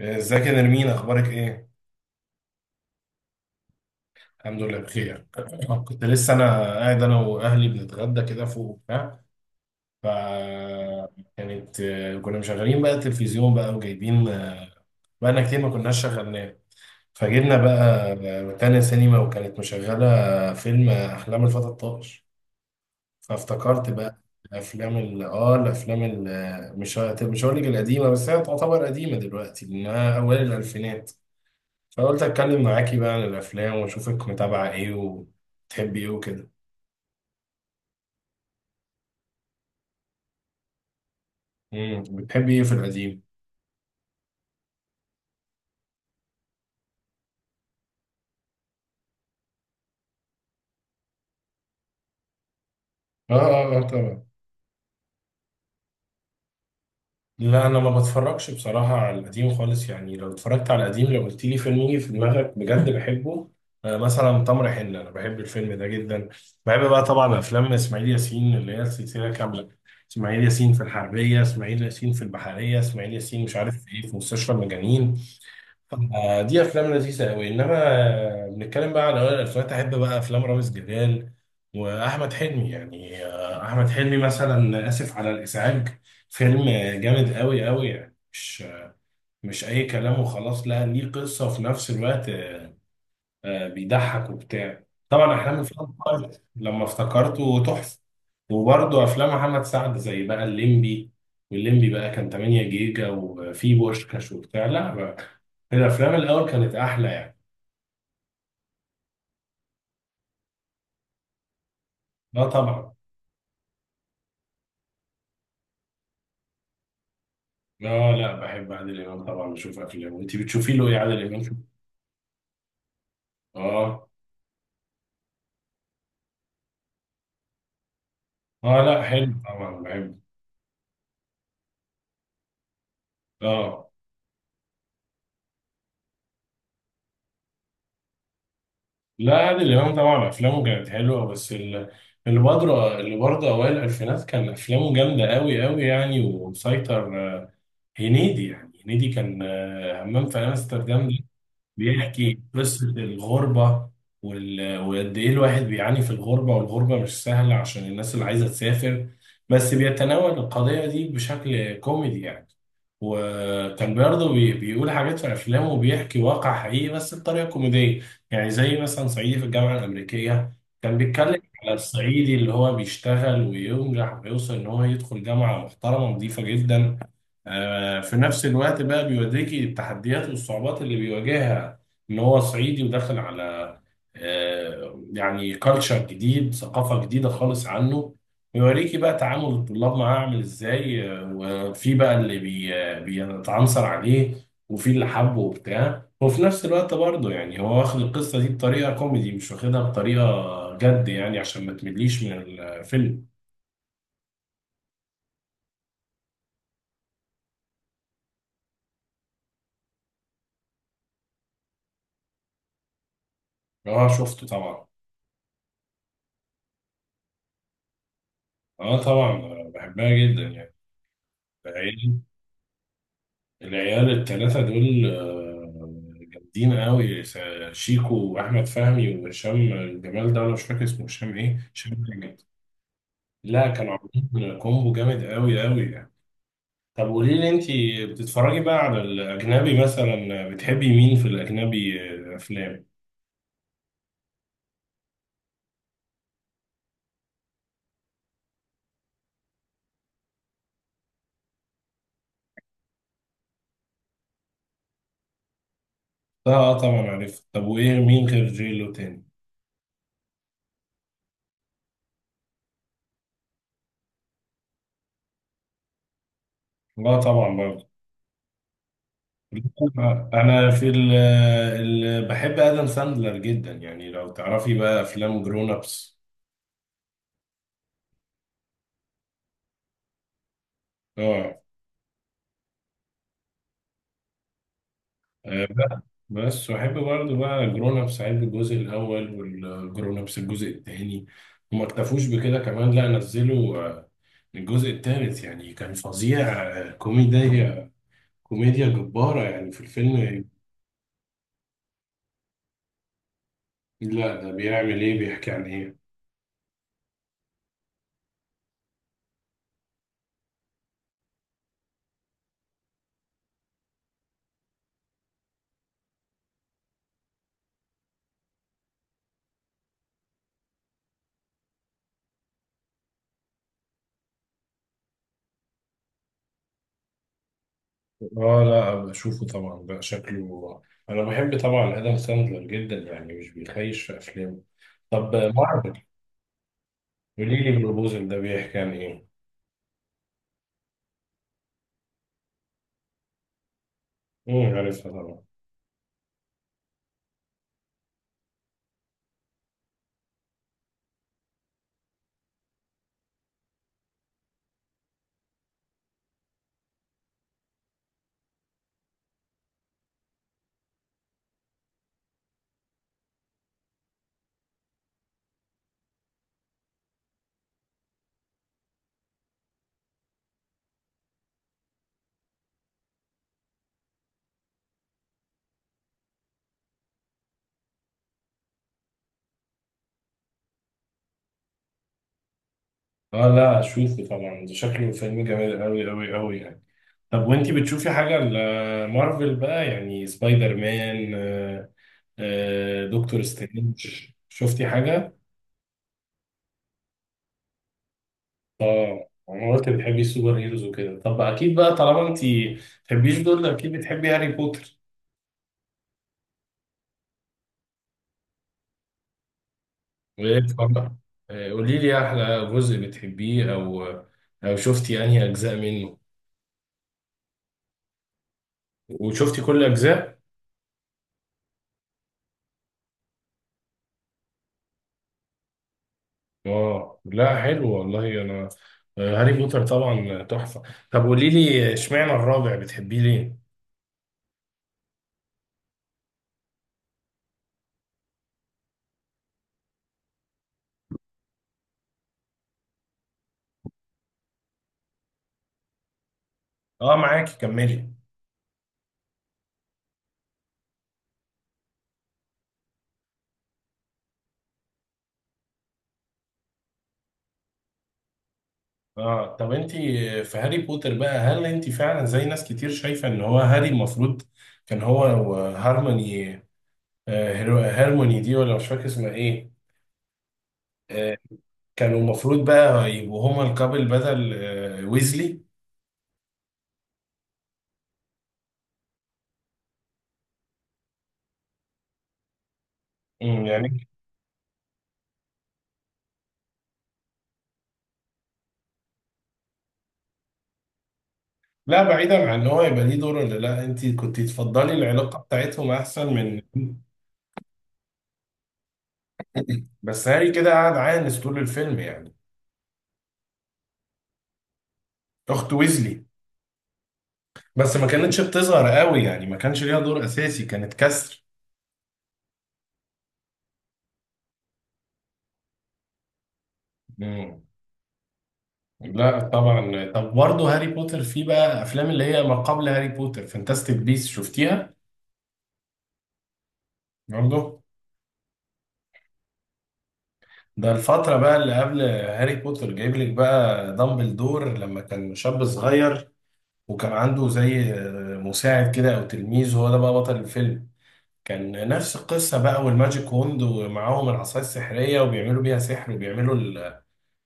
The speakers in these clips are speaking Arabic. ازيك يا نرمين، اخبارك ايه؟ الحمد لله بخير. كنت لسه انا واهلي بنتغدى كده فوق وبتاع. ف كانت كنا مشغلين بقى التلفزيون بقى وجايبين، بقالنا كتير ما كناش شغلناه. فجبنا بقى تانية سينما وكانت مشغلة فيلم أحلام الفتى الطائش. فافتكرت بقى الأفلام ال مش هقول لك القديمة، بس هي تعتبر قديمة دلوقتي لأنها أوائل الألفينات. فقلت اتكلم معاكي بقى عن الافلام واشوفك متابعه ايه وبتحبي ايه وكده. بتحبي ايه في القديم؟ اه اه اه طبعا. لا انا ما بتفرجش بصراحه على القديم خالص، يعني لو اتفرجت على القديم، لو قلت لي فيلم يجي في دماغك بجد بحبه، مثلا تمر حنه، انا بحب الفيلم ده جدا. بحب بقى طبعا افلام اسماعيل ياسين اللي هي السلسله كامله، اسماعيل ياسين في الحربيه، اسماعيل ياسين في البحريه، اسماعيل ياسين مش عارف ايه في مستشفى المجانين. دي افلام لذيذه قوي، انما بنتكلم بقى على اوائل الالفينات، احب بقى افلام رامز جلال واحمد حلمي، يعني احمد حلمي مثلا اسف على الازعاج. فيلم جامد قوي قوي، يعني مش اي كلام وخلاص، لا ليه قصه وفي نفس الوقت بيضحك وبتاع. طبعا احلام الفيلم لما افتكرته تحفه. وبرضه افلام محمد سعد زي بقى الليمبي، والليمبي بقى كان 8 جيجا وفي بوشكاش وبتاع. لا بقى الافلام الاول كانت احلى يعني. اه طبعا. اه لا بحب عادل امام طبعا بشوف افلامه، انت بتشوفي له ايه عادل امام؟ اه. اه لا حلو طبعا بحبه. اه لا عادل إمام طبعا أفلامه كانت حلوة، بس اللي برضه أوائل الألفينات كان أفلامه جامدة أوي أوي يعني ومسيطر. هنيدي، كان همام في أمستردام، بيحكي قصة الغربة وقد إيه الواحد بيعاني في الغربة، والغربة مش سهلة عشان الناس اللي عايزة تسافر، بس بيتناول القضية دي بشكل كوميدي يعني. وكان برضه بيقول حاجات في أفلامه وبيحكي واقع حقيقي بس بطريقة كوميدية، يعني زي مثلا صعيدي في الجامعة الأمريكية، كان بيتكلم على الصعيدي اللي هو بيشتغل وينجح ويوصل إن هو يدخل جامعة محترمة نظيفة جدا. في نفس الوقت بقى بيوريكي التحديات والصعوبات اللي بيواجهها ان هو صعيدي وداخل على يعني كالتشر جديد، ثقافة جديده خالص عنه. ويوريكي بقى تعامل الطلاب معاه عامل ازاي. وفي بقى اللي بي آه، بيتعنصر عليه، وفي اللي حبه وبتاع، وفي نفس الوقت برضه يعني هو واخد القصة دي بطريقة كوميدي، مش واخدها بطريقة جد، يعني عشان ما تمليش من الفيلم. اه شفته طبعا. اه طبعا، بحبها جدا يعني. العيال التلاتة دول جامدين قوي. شيكو وأحمد فهمي وهشام، الجمال ده أنا مش فاكر اسمه، هشام إيه؟ هشام جامد. لا كانوا عاملين كومبو جامد قوي قوي يعني. طب قولي لي أنت، بتتفرجي بقى على الأجنبي؟ مثلا بتحبي مين في الأجنبي، أفلام؟ لا طبعا عارف. طب وإيه مين غير جيلو تاني؟ لا طبعا برضه. أنا في بحب آدم ساندلر جدا، يعني لو تعرفي بقى أفلام جرون أبس. اه. بقى بس واحب برضه بقى جرون ابس، احب الجزء الاول والجرون ابس الجزء الثاني، وما اكتفوش بكده كمان، لا نزلوا الجزء الثالث، يعني كان فظيع. كوميديا كوميديا جبارة يعني في الفيلم. لا ده بيعمل ايه؟ بيحكي عن ايه؟ اه لا بشوفه طبعا بقى، شكله. انا بحب طبعا ادم ساندلر جدا يعني، مش بيخيش في افلامه. طب مارفل. قولي لي بروبوزل ده بيحكي عن ايه؟ عارفها طبعا. اه لا اشوفه طبعا، ده شكله فيلم جميل قوي قوي قوي يعني. طب وانتي بتشوفي حاجة لمارفل بقى؟ يعني سبايدر مان، دكتور سترينج، شفتي حاجة؟ اه انا قلت بتحبي السوبر هيروز وكده. طب اكيد بقى طالما انتي بتحبيش دول، اكيد بتحبي هاري بوتر. وايه بقى؟ قولي لي احلى جزء بتحبيه، او شفتي انهي اجزاء منه. وشفتي كل اجزاء؟ اه لا حلو والله. انا هاري بوتر طبعا تحفة. طب قولي لي اشمعنى الرابع بتحبيه ليه؟ اه معاكي كملي. اه طب انت في هاري بوتر بقى، هل انت فعلا زي ناس كتير شايفة ان هو هاري المفروض كان هو وهارموني، هارموني دي، ولا مش فاكر اسمها ايه، آه، كانوا المفروض بقى يبقوا هما الكابل بدل ويزلي. مم، يعني. لا بعيدا عن ان هو يبقى ليه دور ولا لا، انت كنت تفضلي العلاقة بتاعتهم احسن من؟ بس هاري كده قعد عانس طول الفيلم يعني. اخت ويزلي. بس ما كانتش بتظهر قوي يعني، ما كانش ليها دور اساسي، كانت كسر. مم. لا طبعا. طب برضه هاري بوتر فيه بقى افلام اللي هي ما قبل هاري بوتر، فانتاستيك بيس، شفتيها؟ برضه. ده الفترة بقى اللي قبل هاري بوتر، جايب لك بقى دامبلدور لما كان شاب صغير، وكان عنده زي مساعد كده او تلميذ، هو ده بقى بطل الفيلم. كان نفس القصة بقى، والماجيك وند، ومعاهم العصاية السحرية وبيعملوا بيها سحر، وبيعملوا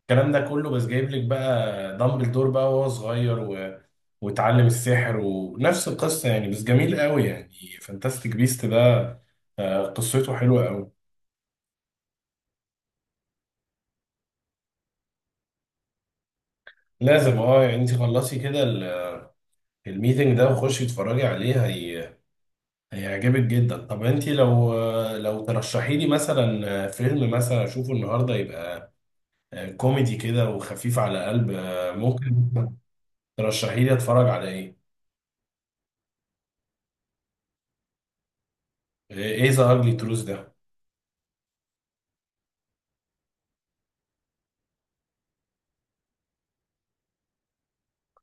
الكلام ده كله، بس جايب لك بقى دامبلدور بقى وهو صغير واتعلم السحر، ونفس القصة يعني بس جميل قوي يعني. فانتاستيك بيست ده قصته حلوة قوي. لازم، اه يعني انت خلصي كده الميتنج ده وخشي اتفرجي عليه، هيعجبك جدا. طب انت لو، لو ترشحي لي مثلا فيلم مثلا اشوفه النهارده، يبقى كوميدي كده وخفيف على قلب، ممكن ترشحي لي اتفرج على ايه؟ ايه؟ ذا اجلي تروث ده؟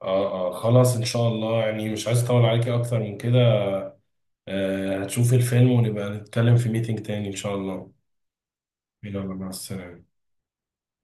اه اه خلاص ان شاء الله، يعني مش عايز اطول عليكي اكتر من كده. هتشوفي الفيلم ونبقى نتكلم في ميتنج تاني ان شاء الله. يلا مع السلامة.